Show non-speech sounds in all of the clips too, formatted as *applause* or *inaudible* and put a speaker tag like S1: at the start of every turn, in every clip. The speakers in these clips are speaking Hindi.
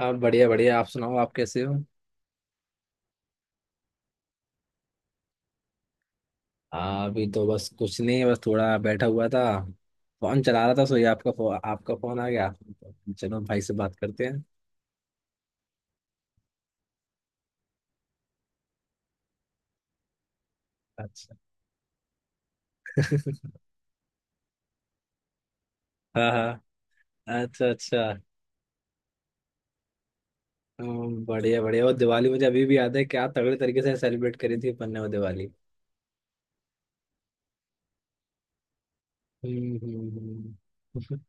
S1: आप बढ़िया बढ़िया। आप सुनाओ। आप कैसे हो? हाँ, अभी तो बस कुछ नहीं, बस थोड़ा बैठा हुआ था। फोन चला रहा था, सो ये आपका फोन आ गया। चलो भाई से बात करते हैं। अच्छा। *laughs* हाँ हाँ। अच्छा अच्छा। बढ़िया बढ़िया। वो दिवाली मुझे अभी भी याद है। क्या तगड़े तरीके से सेलिब्रेट करी थी अपन ने वो दिवाली। हम्म। हम्म।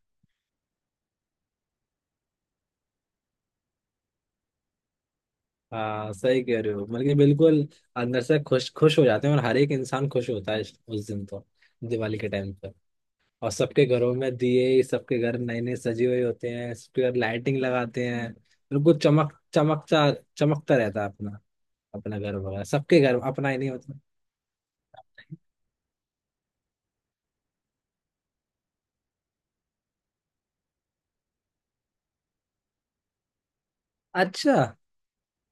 S1: *laughs* हाँ, सही कह रहे हो मतलब कि बिल्कुल। अंदर से खुश खुश हो जाते हैं, और हर एक इंसान खुश होता है उस दिन तो। दिवाली के टाइम। और सबके घरों में दिए, सबके घर नए नए सजे हुए होते हैं, सबके घर लाइटिंग लगाते हैं, बिल्कुल चमकता चमकता रहता है अपना। अपना घर वगैरह, सबके घर, अपना ही नहीं होता। अच्छा।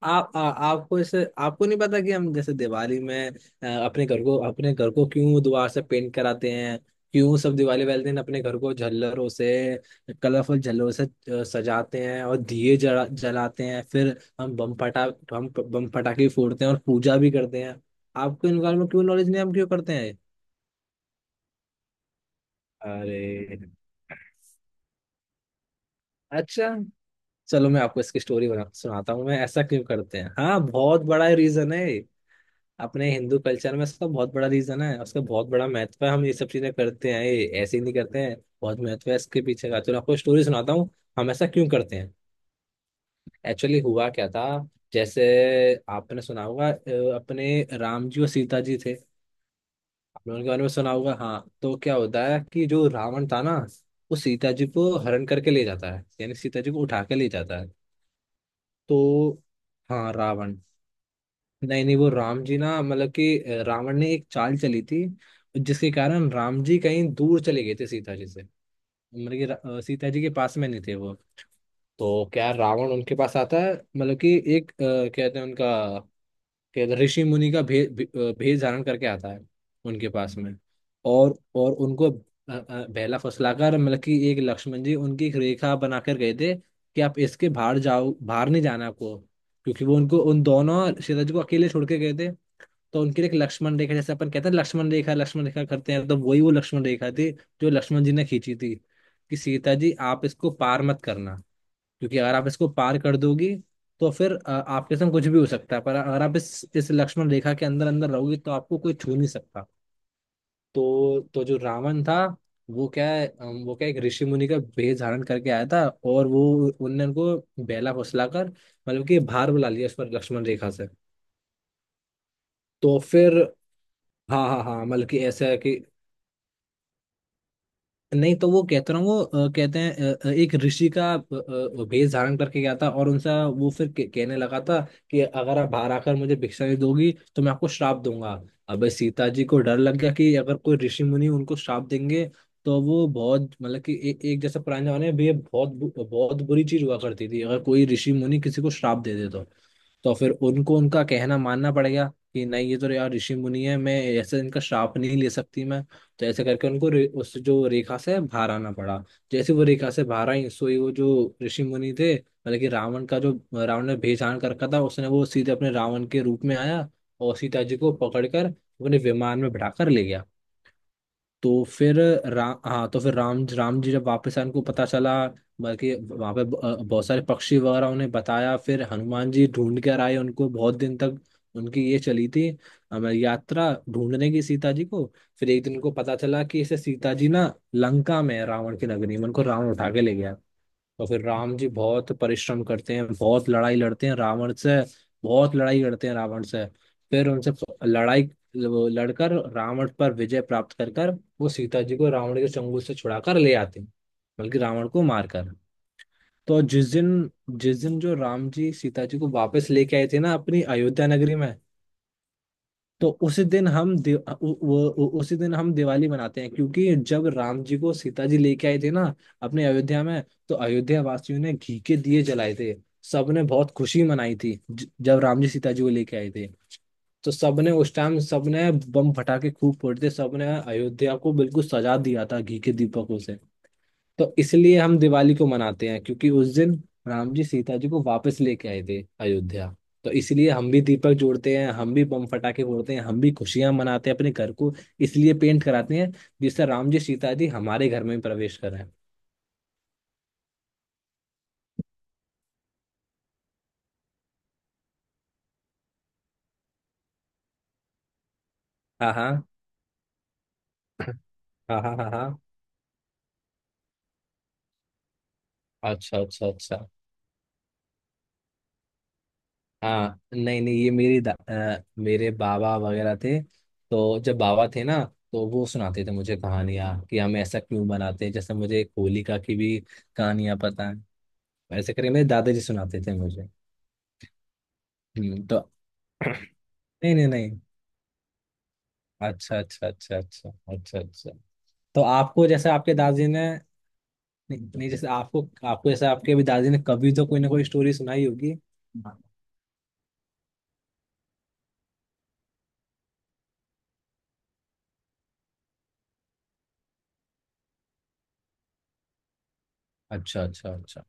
S1: आप आ, आपको ऐसे आपको नहीं पता कि हम जैसे दिवाली में अपने घर को क्यों दोबारा से पेंट कराते हैं? क्यों सब दिवाली वाले दिन अपने घर को झल्लरों से कलरफुल झल्लरों से सजाते हैं, और दिए जलाते हैं, फिर हम बम पटाखे फोड़ते हैं और पूजा भी करते हैं। आपको इन बारे में क्यों नॉलेज नहीं है, हम क्यों करते हैं? अरे। अच्छा। चलो मैं आपको इसकी स्टोरी बना सुनाता हूँ। मैं ऐसा क्यों करते हैं। हाँ, बहुत बड़ा रीजन है। अपने हिंदू कल्चर में इसका बहुत बड़ा रीजन है, उसका बहुत बड़ा महत्व है। हम ये सब चीजें करते हैं, ये ऐसे ही नहीं करते हैं। बहुत महत्व है इसके पीछे का। चलो आपको स्टोरी सुनाता हूँ। हम ऐसा क्यों करते हैं। एक्चुअली हुआ क्या था। जैसे आपने सुना होगा, अपने राम जी और सीता जी थे। आपने उनके बारे में सुना होगा। हाँ, तो क्या होता है कि जो रावण था ना। वो सीता जी को हरण करके ले जाता है, यानी सीता जी को उठा के ले जाता है। तो। हाँ, रावण। नहीं नहीं, वो राम जी ना, मतलब कि रावण ने एक चाल चली थी। जिसके कारण राम जी कहीं दूर चले गए थे सीता जी से। मतलब कि सीता जी के पास में नहीं थे वो। तो क्या रावण उनके पास आता है, मतलब कि कहते हैं उनका। कहते हैं ऋषि मुनि का भेष धारण करके आता है। उनके पास में। और उनको बहला फुसलाकर, मतलब कि एक लक्ष्मण जी उनकी एक रेखा बनाकर गए थे, कि आप इसके बाहर जाओ, बाहर नहीं जाना आपको। क्योंकि वो उनको उन दोनों। सीता जी को अकेले छोड़ के गए थे। तो उनके लिए एक लक्ष्मण रेखा, जैसे अपन कहते हैं लक्ष्मण रेखा करते हैं, तो वही वो लक्ष्मण रेखा थी। जो लक्ष्मण जी ने खींची थी। कि सीता जी आप इसको पार मत करना। क्योंकि अगर आप इसको पार कर दोगी, तो फिर आपके संग कुछ भी हो सकता है। पर अगर आप इस लक्ष्मण रेखा के अंदर अंदर रहोगी, तो आपको कोई छू नहीं सकता। तो जो रावण था। वो क्या है, वो क्या एक ऋषि मुनि का भेष धारण करके आया था। और वो। उनने उनको बेला फुसलाकर, मतलब कि भार बुला लिया उस पर लक्ष्मण रेखा से। तो फिर। हाँ हाँ हाँ, मतलब कि ऐसा है कि। नहीं तो वो कहते रहो वो, कहते हैं एक ऋषि का वेश धारण करके गया था और उनसे। वो फिर कहने लगा था। कि अगर आप बाहर आकर मुझे भिक्षा नहीं दोगी, तो मैं आपको श्राप दूंगा। अबे, सीता जी को डर लग गया कि अगर कोई ऋषि मुनि उनको श्राप देंगे। तो वो बहुत, मतलब कि एक जैसे पुराने जमाने में भी ये बहुत बुरी चीज हुआ करती थी, अगर कोई ऋषि मुनि किसी को श्राप दे दे तो। तो फिर उनको उनका कहना मानना पड़ गया। कि नहीं, ये तो यार ऋषि मुनि है। मैं ऐसे इनका श्राप नहीं ले सकती मैं। तो ऐसे करके उनको उस जो रेखा से बाहर आना पड़ा। जैसे वो रेखा से बाहर आई, सोई वो जो। ऋषि मुनि थे, मतलब कि रावण का जो। रावण ने भेजान कर रखा था, उसने वो सीधे अपने रावण के रूप में आया। और सीता जी को पकड़कर अपने विमान में बिठाकर ले गया। तो फिर। राम हाँ, तो फिर राम राम जी जब वापस आए, उनको पता चला। बल्कि वहाँ पे बहुत सारे पक्षी वगैरह उन्हें बताया, फिर हनुमान जी ढूंढ कर आए उनको बहुत दिन तक। उनकी ये चली थी। यात्रा ढूंढने की सीता जी को। फिर एक दिन उनको पता चला कि इसे सीता जी ना लंका में है, रावण की नगरी में, उनको रावण उठा के ले गया। तो फिर राम जी बहुत परिश्रम करते हैं, बहुत लड़ाई लड़ते हैं रावण से। बहुत लड़ाई करते हैं रावण से। फिर उनसे लड़ाई। वो लड़कर रावण पर विजय प्राप्त कर कर वो सीता जी को रावण के चंगुल से छुड़ाकर ले आते हैं। बल्कि रावण को मारकर। तो जिस दिन जो राम जी सीता जी को वापस लेके आए थे ना अपनी अयोध्या नगरी में। तो उसी दिन हम दि, उ, वो- उ, उसी दिन हम दिवाली मनाते हैं, क्योंकि जब राम जी को सीता जी लेके आए थे ना अपने अयोध्या में। तो अयोध्या वासियों ने घी के दिए जलाए थे। सबने बहुत खुशी मनाई थी, जब राम जी सीता जी को लेके आए थे। तो सबने उस टाइम सबने बम फटाके खूब फोड़े थे सबने। अयोध्या को बिल्कुल सजा दिया था घी के दीपकों से। तो इसलिए हम दिवाली को मनाते हैं, क्योंकि उस दिन राम जी सीता जी को वापस लेके आए थे अयोध्या। तो इसलिए हम भी दीपक जोड़ते हैं, हम भी बम फटाके फोड़ते हैं, हम भी खुशियां मनाते हैं, अपने घर को इसलिए पेंट कराते हैं, जिससे राम जी सीता जी हमारे घर में प्रवेश करें। हाँ हाँ हाँ हाँ हाँ हाँ। अच्छा अच्छा अच्छा। हाँ, नहीं नहीं, ये मेरी मेरे बाबा वगैरह थे। तो जब बाबा थे ना। तो वो सुनाते थे मुझे कहानियाँ कि हम ऐसा क्यों बनाते हैं, जैसे मुझे एक होलिका की भी कहानियाँ पता है। ऐसे करके मेरे दादाजी सुनाते थे मुझे। तो। *coughs* नहीं नहीं नहीं। अच्छा अच्छा अच्छा अच्छा अच्छा अच्छा। तो आपको जैसे आपके दादाजी ने। नहीं, नहीं, जैसे आपको आपको जैसे आपके अभी दादाजी ने कभी तो कोई ना कोई स्टोरी सुनाई होगी। हाँ। अच्छा अच्छा अच्छा।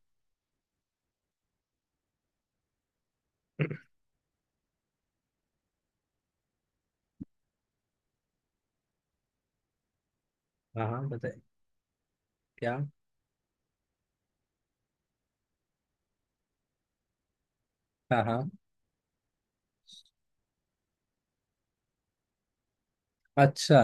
S1: *coughs* हाँ हाँ, बताइए। क्या? हाँ हाँ। अच्छा।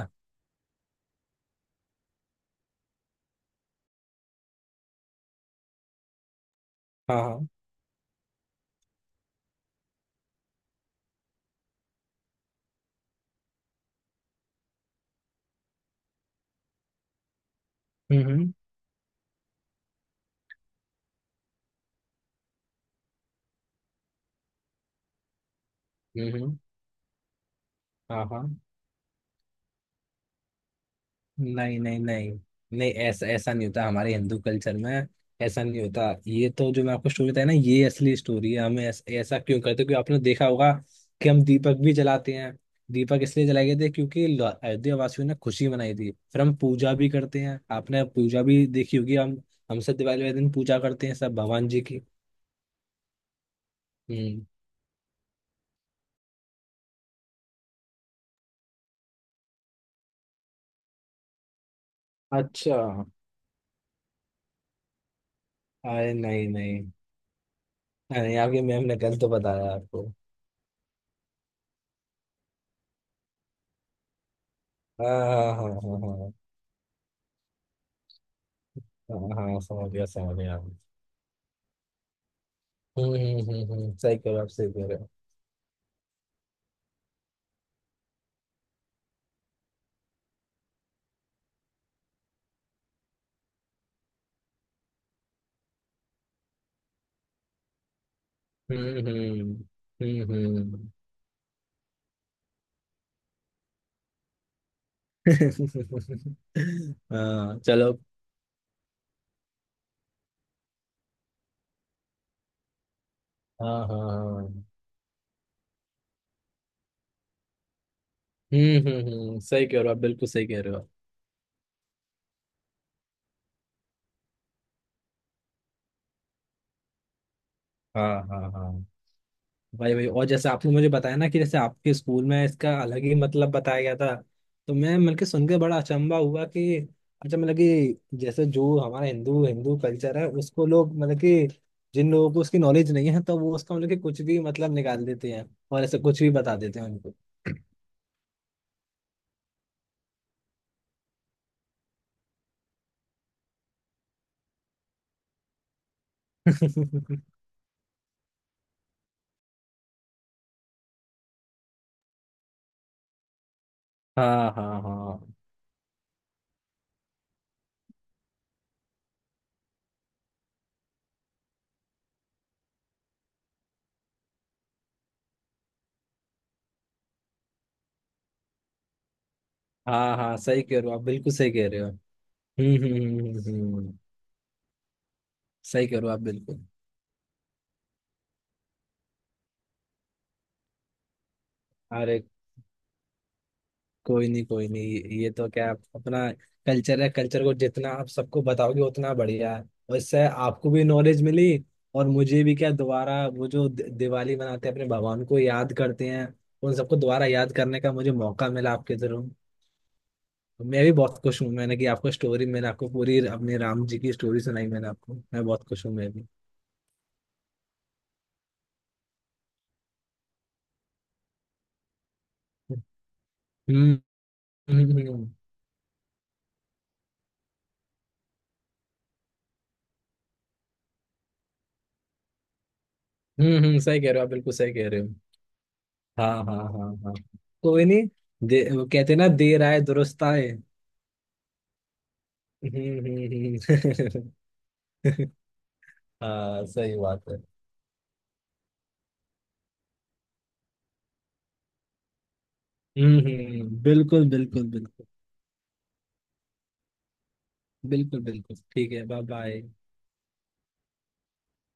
S1: हाँ हाँ। हम्म हम्म हम्म। हाँ हाँ। नहीं नहीं नहीं। नहीं, ऐसा ऐसा नहीं होता हमारे हिंदू कल्चर में। ऐसा नहीं होता, ये तो जो मैं आपको स्टोरी बताया ना, ये असली स्टोरी है। हमें ऐसा क्यों करते हैं? क्योंकि आपने देखा होगा कि हम दीपक भी जलाते हैं। दीपक इसलिए जलाए गए थे, क्योंकि अयोध्या वासियों ने खुशी मनाई थी। फिर हम पूजा भी करते हैं, आपने पूजा भी देखी होगी। हम हमसे दिवाली वाले दिन पूजा करते हैं सब भगवान जी की। हम्म। अच्छा। अरे नहीं नहीं। अरे, आपकी मैम ने गलत बताया आपको। हाँ हाँ हाँ हाँ। हाँ हाँ हाँ, समझ गया समझ गया। हम्म। सही कह रहे हो आप, सही कह रहे हो। हम्म हम्म हम्म हम्म। *laughs* हाँ, चलो। हाँ हाँ हाँ। हम्म। सही कह रहे हो आप, बिल्कुल सही कह रहे हो आप। हाँ हाँ हाँ। भाई भाई, और जैसे आपने मुझे बताया ना कि जैसे आपके स्कूल में इसका अलग ही मतलब बताया गया था, तो मैं मतलब कि सुन के बड़ा अचंभा हुआ कि अच्छा, मतलब कि जैसे जो हमारा हिंदू हिंदू कल्चर है, उसको लोग मतलब कि जिन लोगों को उसकी नॉलेज नहीं है, तो वो उसका मतलब कि कुछ भी मतलब निकाल देते हैं, और ऐसे कुछ भी बता देते हैं उनको। *laughs* हाँ हाँ हाँ हाँ हाँ। सही कह रहे हो आप, बिल्कुल सही कह रहे हो। हम्म। सही कह रहे हो आप, बिल्कुल। अरे, कोई नहीं कोई नहीं, ये तो क्या अपना कल्चर है। कल्चर को जितना आप सबको बताओगे, उतना बढ़िया है। और इससे आपको भी नॉलेज मिली। और मुझे भी क्या दोबारा वो जो दिवाली मनाते हैं, अपने भगवान को याद करते हैं, उन सबको दोबारा याद करने का मुझे मौका मिला आपके थ्रू। मैं भी बहुत खुश हूँ, मैंने कि आपको स्टोरी मैंने आपको पूरी अपने राम जी की स्टोरी सुनाई मैंने आपको। मैं बहुत खुश हूँ मैं भी। हम्म हम्म हम्म हम्म, हम्म। सही कह रहे हो आप, बिल्कुल सही कह रहे हो। हाँ हाँ हाँ हाँ। कोई नहीं। वो कहते हैं ना, देर आए दुरुस्त आए। हम्म, हम्म, हम्म। *laughs* हाँ, सही बात है। बिल्कुल बिल्कुल बिल्कुल। बिल्कुल बिल्कुल ठीक है। Bye bye.